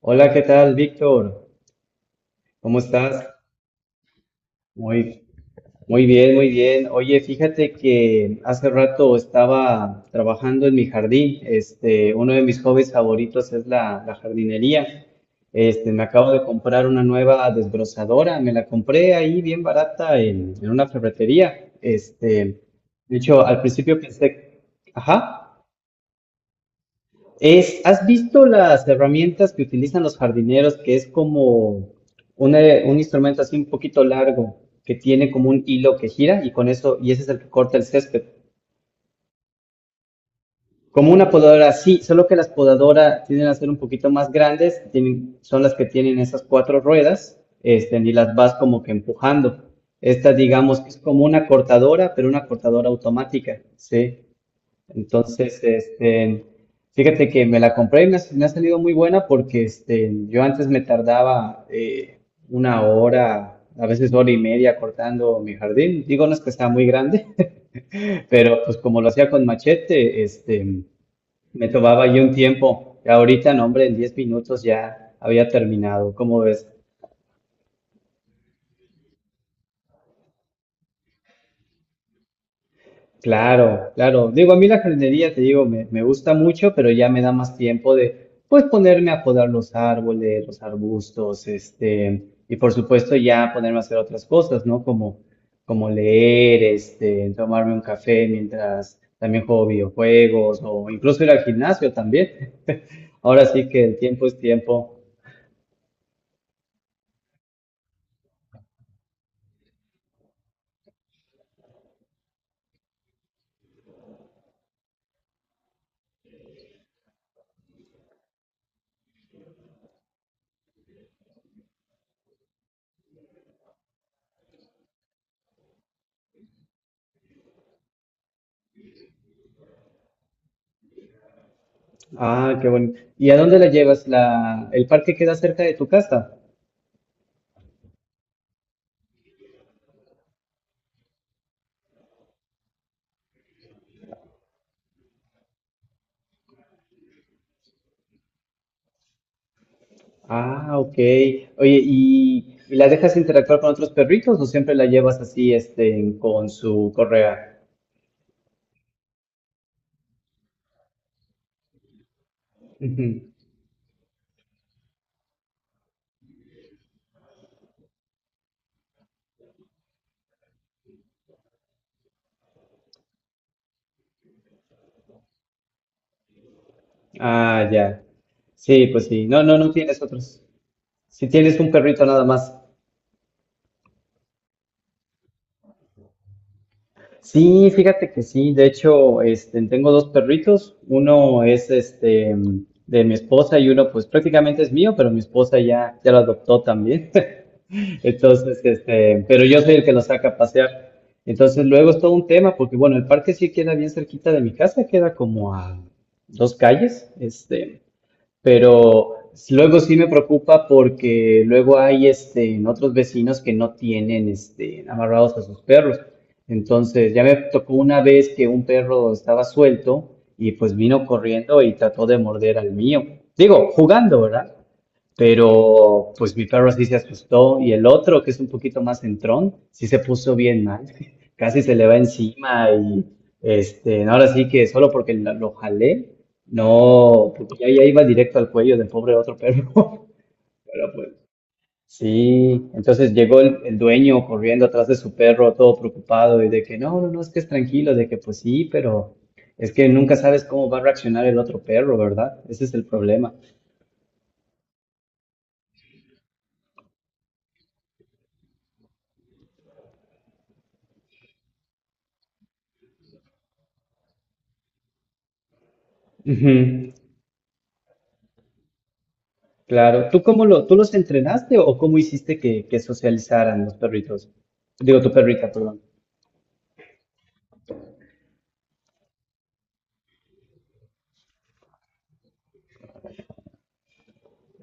Hola, ¿qué tal, Víctor? ¿Cómo estás? Muy, muy bien, muy bien. Oye, fíjate que hace rato estaba trabajando en mi jardín. Uno de mis hobbies favoritos es la jardinería. Me acabo de comprar una nueva desbrozadora. Me la compré ahí bien barata en una ferretería. De hecho, al principio pensé, ajá. ¿Has visto las herramientas que utilizan los jardineros, que es como una- un instrumento así un poquito largo, que tiene como un hilo que gira y con eso, y ese es el que corta el césped? Como una podadora, sí, solo que las podadoras tienden a ser un poquito más grandes, son las que tienen esas cuatro ruedas, y las vas como que empujando. Digamos, que es como una cortadora, pero una cortadora automática, ¿sí? Entonces, fíjate que me la compré y me ha salido muy buena porque yo antes me tardaba una hora, a veces hora y media cortando mi jardín. Digo, no es que está muy grande, pero pues como lo hacía con machete, me tomaba yo un tiempo. Y ahorita, no, hombre, en 10 minutos ya había terminado. ¿Cómo ves? Claro, claro. Digo, a mí la jardinería, te digo, me gusta mucho, pero ya me da más tiempo de, pues, ponerme a podar los árboles, los arbustos, y por supuesto ya ponerme a hacer otras cosas, ¿no? Como leer, tomarme un café mientras también juego videojuegos o incluso ir al gimnasio también. Ahora sí que el tiempo es tiempo. Ah, qué bueno. ¿Y a dónde la llevas? ¿El parque queda cerca de tu casa? Ah, ok. Oye, ¿y la dejas interactuar con otros perritos o siempre la llevas así, con su correa? Ujú. Ah, ya. Sí, pues sí. No, no, no tienes otros. Si tienes un perrito nada más. Sí, fíjate que sí. De hecho, tengo dos perritos. Uno es de mi esposa y uno, pues prácticamente es mío, pero mi esposa ya lo adoptó también. Entonces, pero yo soy el que la saca a pasear. Entonces, luego es todo un tema, porque bueno, el parque sí queda bien cerquita de mi casa, queda como a dos calles, pero luego sí me preocupa porque luego hay otros vecinos que no tienen amarrados a sus perros. Entonces, ya me tocó una vez que un perro estaba suelto y pues vino corriendo y trató de morder al mío. Digo, jugando, ¿verdad? Pero pues mi perro sí se asustó y el otro, que es un poquito más centrón, sí se puso bien mal. Casi se le va encima y no, ahora sí que solo porque lo jalé, no, porque ya iba directo al cuello del pobre otro perro. Pero pues sí, entonces llegó el dueño corriendo atrás de su perro todo preocupado y de que no, no, no, es que es tranquilo, de que pues sí, pero es que nunca sabes cómo va a reaccionar el otro perro, ¿verdad? Ese es el problema. Ujú. Claro, ¿Tú los entrenaste o cómo hiciste que socializaran los perritos? Digo, tu perrita, perdón.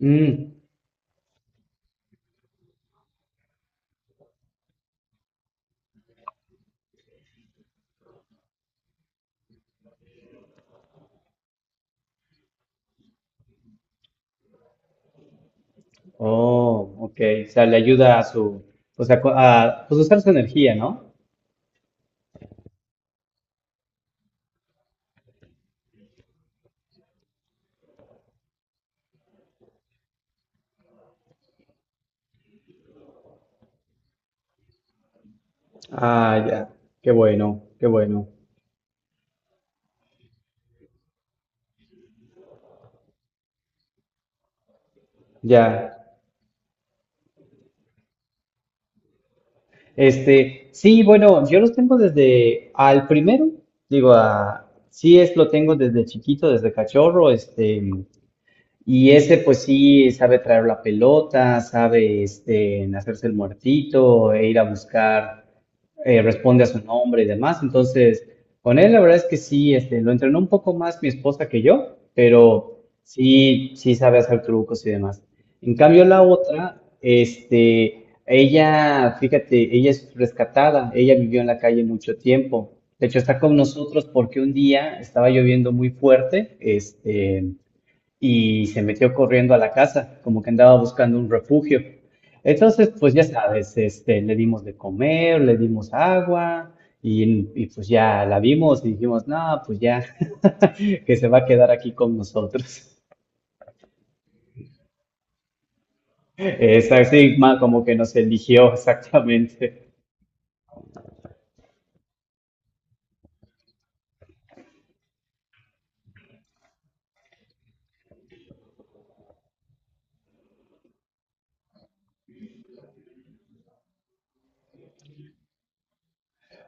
Mm, oh, ok, o sea, le ayuda a su, o sea, a, pues usar su energía, ¿no? Ah, ya, qué bueno, ya. Sí, bueno, yo los tengo desde al primero, digo, sí es, lo tengo desde chiquito, desde cachorro. Y ese pues sí sabe traer la pelota, sabe hacerse el muertito e ir a buscar, responde a su nombre y demás. Entonces, con él la verdad es que sí, lo entrenó un poco más mi esposa que yo, pero sí, sí sabe hacer trucos y demás. En cambio, la otra, ella, fíjate, ella es rescatada, ella vivió en la calle mucho tiempo. De hecho, está con nosotros porque un día estaba lloviendo muy fuerte, y se metió corriendo a la casa, como que andaba buscando un refugio. Entonces, pues ya sabes, le dimos de comer, le dimos agua y pues ya la vimos y dijimos, no, pues ya, que se va a quedar aquí con nosotros. Es así, como que nos eligió exactamente.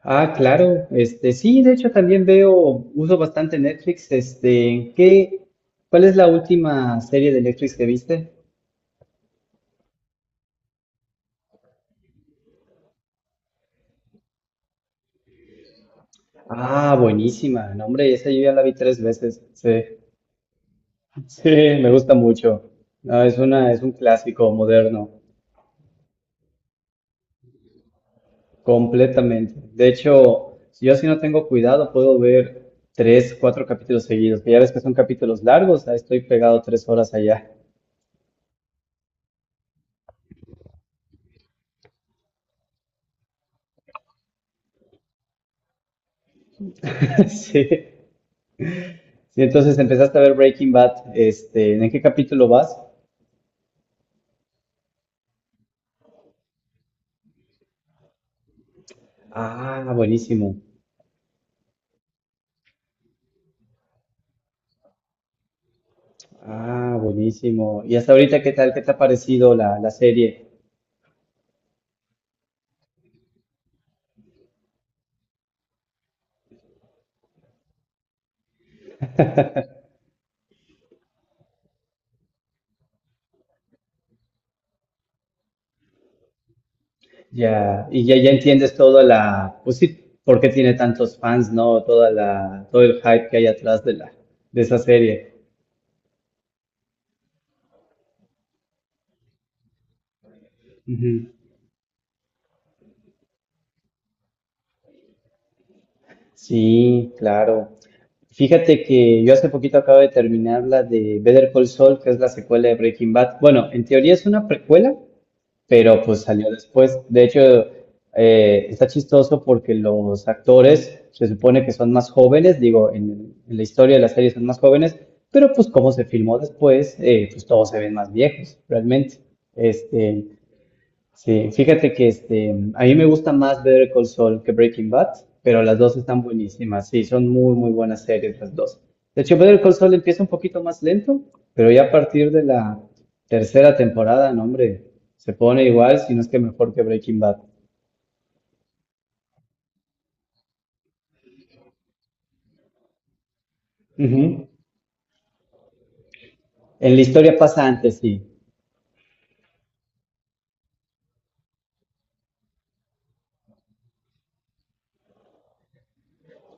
Ah, claro, sí, de hecho también uso bastante Netflix, ¿Cuál es la última serie de Netflix que viste? Ah, buenísima. No, hombre, esa yo ya la vi tres veces. Sí, sí, me gusta mucho. No, es un clásico moderno, completamente. De hecho, si yo si no tengo cuidado, puedo ver tres, cuatro capítulos seguidos, que ya ves que son capítulos largos, ahí estoy pegado 3 horas allá. Sí. Sí, entonces empezaste a ver Breaking Bad, ¿en qué capítulo vas? Ah, buenísimo. Ah, buenísimo. ¿Y hasta ahorita qué tal? ¿Qué te ha parecido la serie? Ya, y ya entiendes toda la, pues sí, por qué tiene tantos fans, ¿no? Todo el hype que hay atrás de de esa serie. Ujú. Sí, claro. Fíjate que yo hace poquito acabo de terminar la de Better Call Saul, que es la secuela de Breaking Bad. Bueno, en teoría es una precuela, pero pues salió después. De hecho, está chistoso porque los actores se supone que son más jóvenes, digo, en la historia de la serie son más jóvenes, pero pues como se filmó después, pues todos se ven más viejos, realmente. Este, Sí, fíjate que a mí me gusta más Better Call Saul que Breaking Bad, pero las dos están buenísimas. Sí, son muy, muy buenas series las dos. De hecho, Better Call Saul empieza un poquito más lento, pero ya a partir de la tercera temporada, no, hombre, se pone igual, si no es que mejor que Breaking Bad. Ujú. En la historia pasa antes, sí.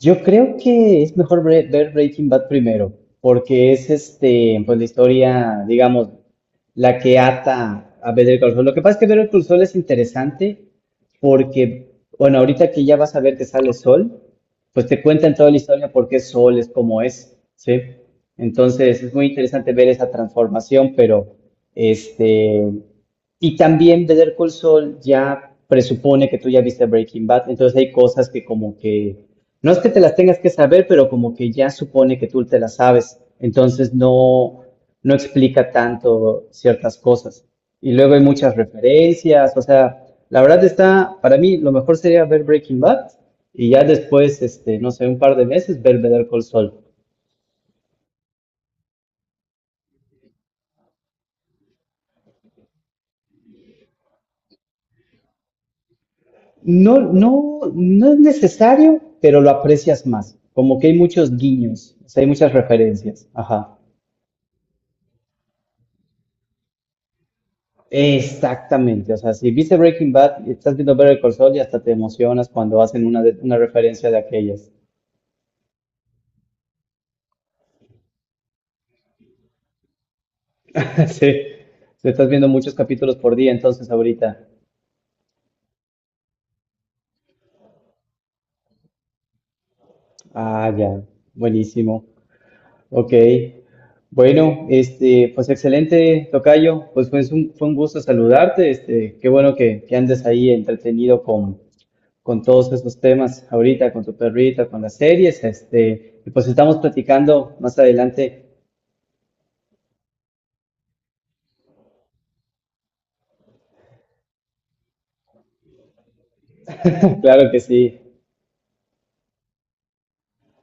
Yo creo que es mejor ver Breaking Bad primero, porque es pues la historia, digamos, la que ata a Better Call Saul. Lo que pasa es que Better Call Saul es interesante porque, bueno, ahorita que ya vas a ver que sale Sol, pues te cuentan toda la historia por qué Sol es como es, ¿sí? Entonces es muy interesante ver esa transformación, pero este, y también Better Call Saul ya presupone que tú ya viste Breaking Bad, entonces hay cosas que como que no es que te las tengas que saber, pero como que ya supone que tú te las sabes. Entonces no, no explica tanto ciertas cosas. Y luego hay muchas referencias. O sea, la verdad está, para mí lo mejor sería ver Breaking Bad y ya después, no sé, un par de meses ver Better Call Saul. No, no, no es necesario, pero lo aprecias más. Como que hay muchos guiños, o sea, hay muchas referencias. Ajá. Exactamente, o sea, si viste Breaking Bad y estás viendo Better Call Saul y hasta te emocionas cuando hacen una referencia de aquellas. Sí, si estás viendo muchos capítulos por día, entonces ahorita. Ah, ya, buenísimo. Ok, bueno, pues excelente, Tocayo, pues fue un gusto saludarte, qué bueno que andes ahí entretenido con todos esos temas ahorita, con tu perrita, con las series, y pues estamos platicando más adelante, claro que sí.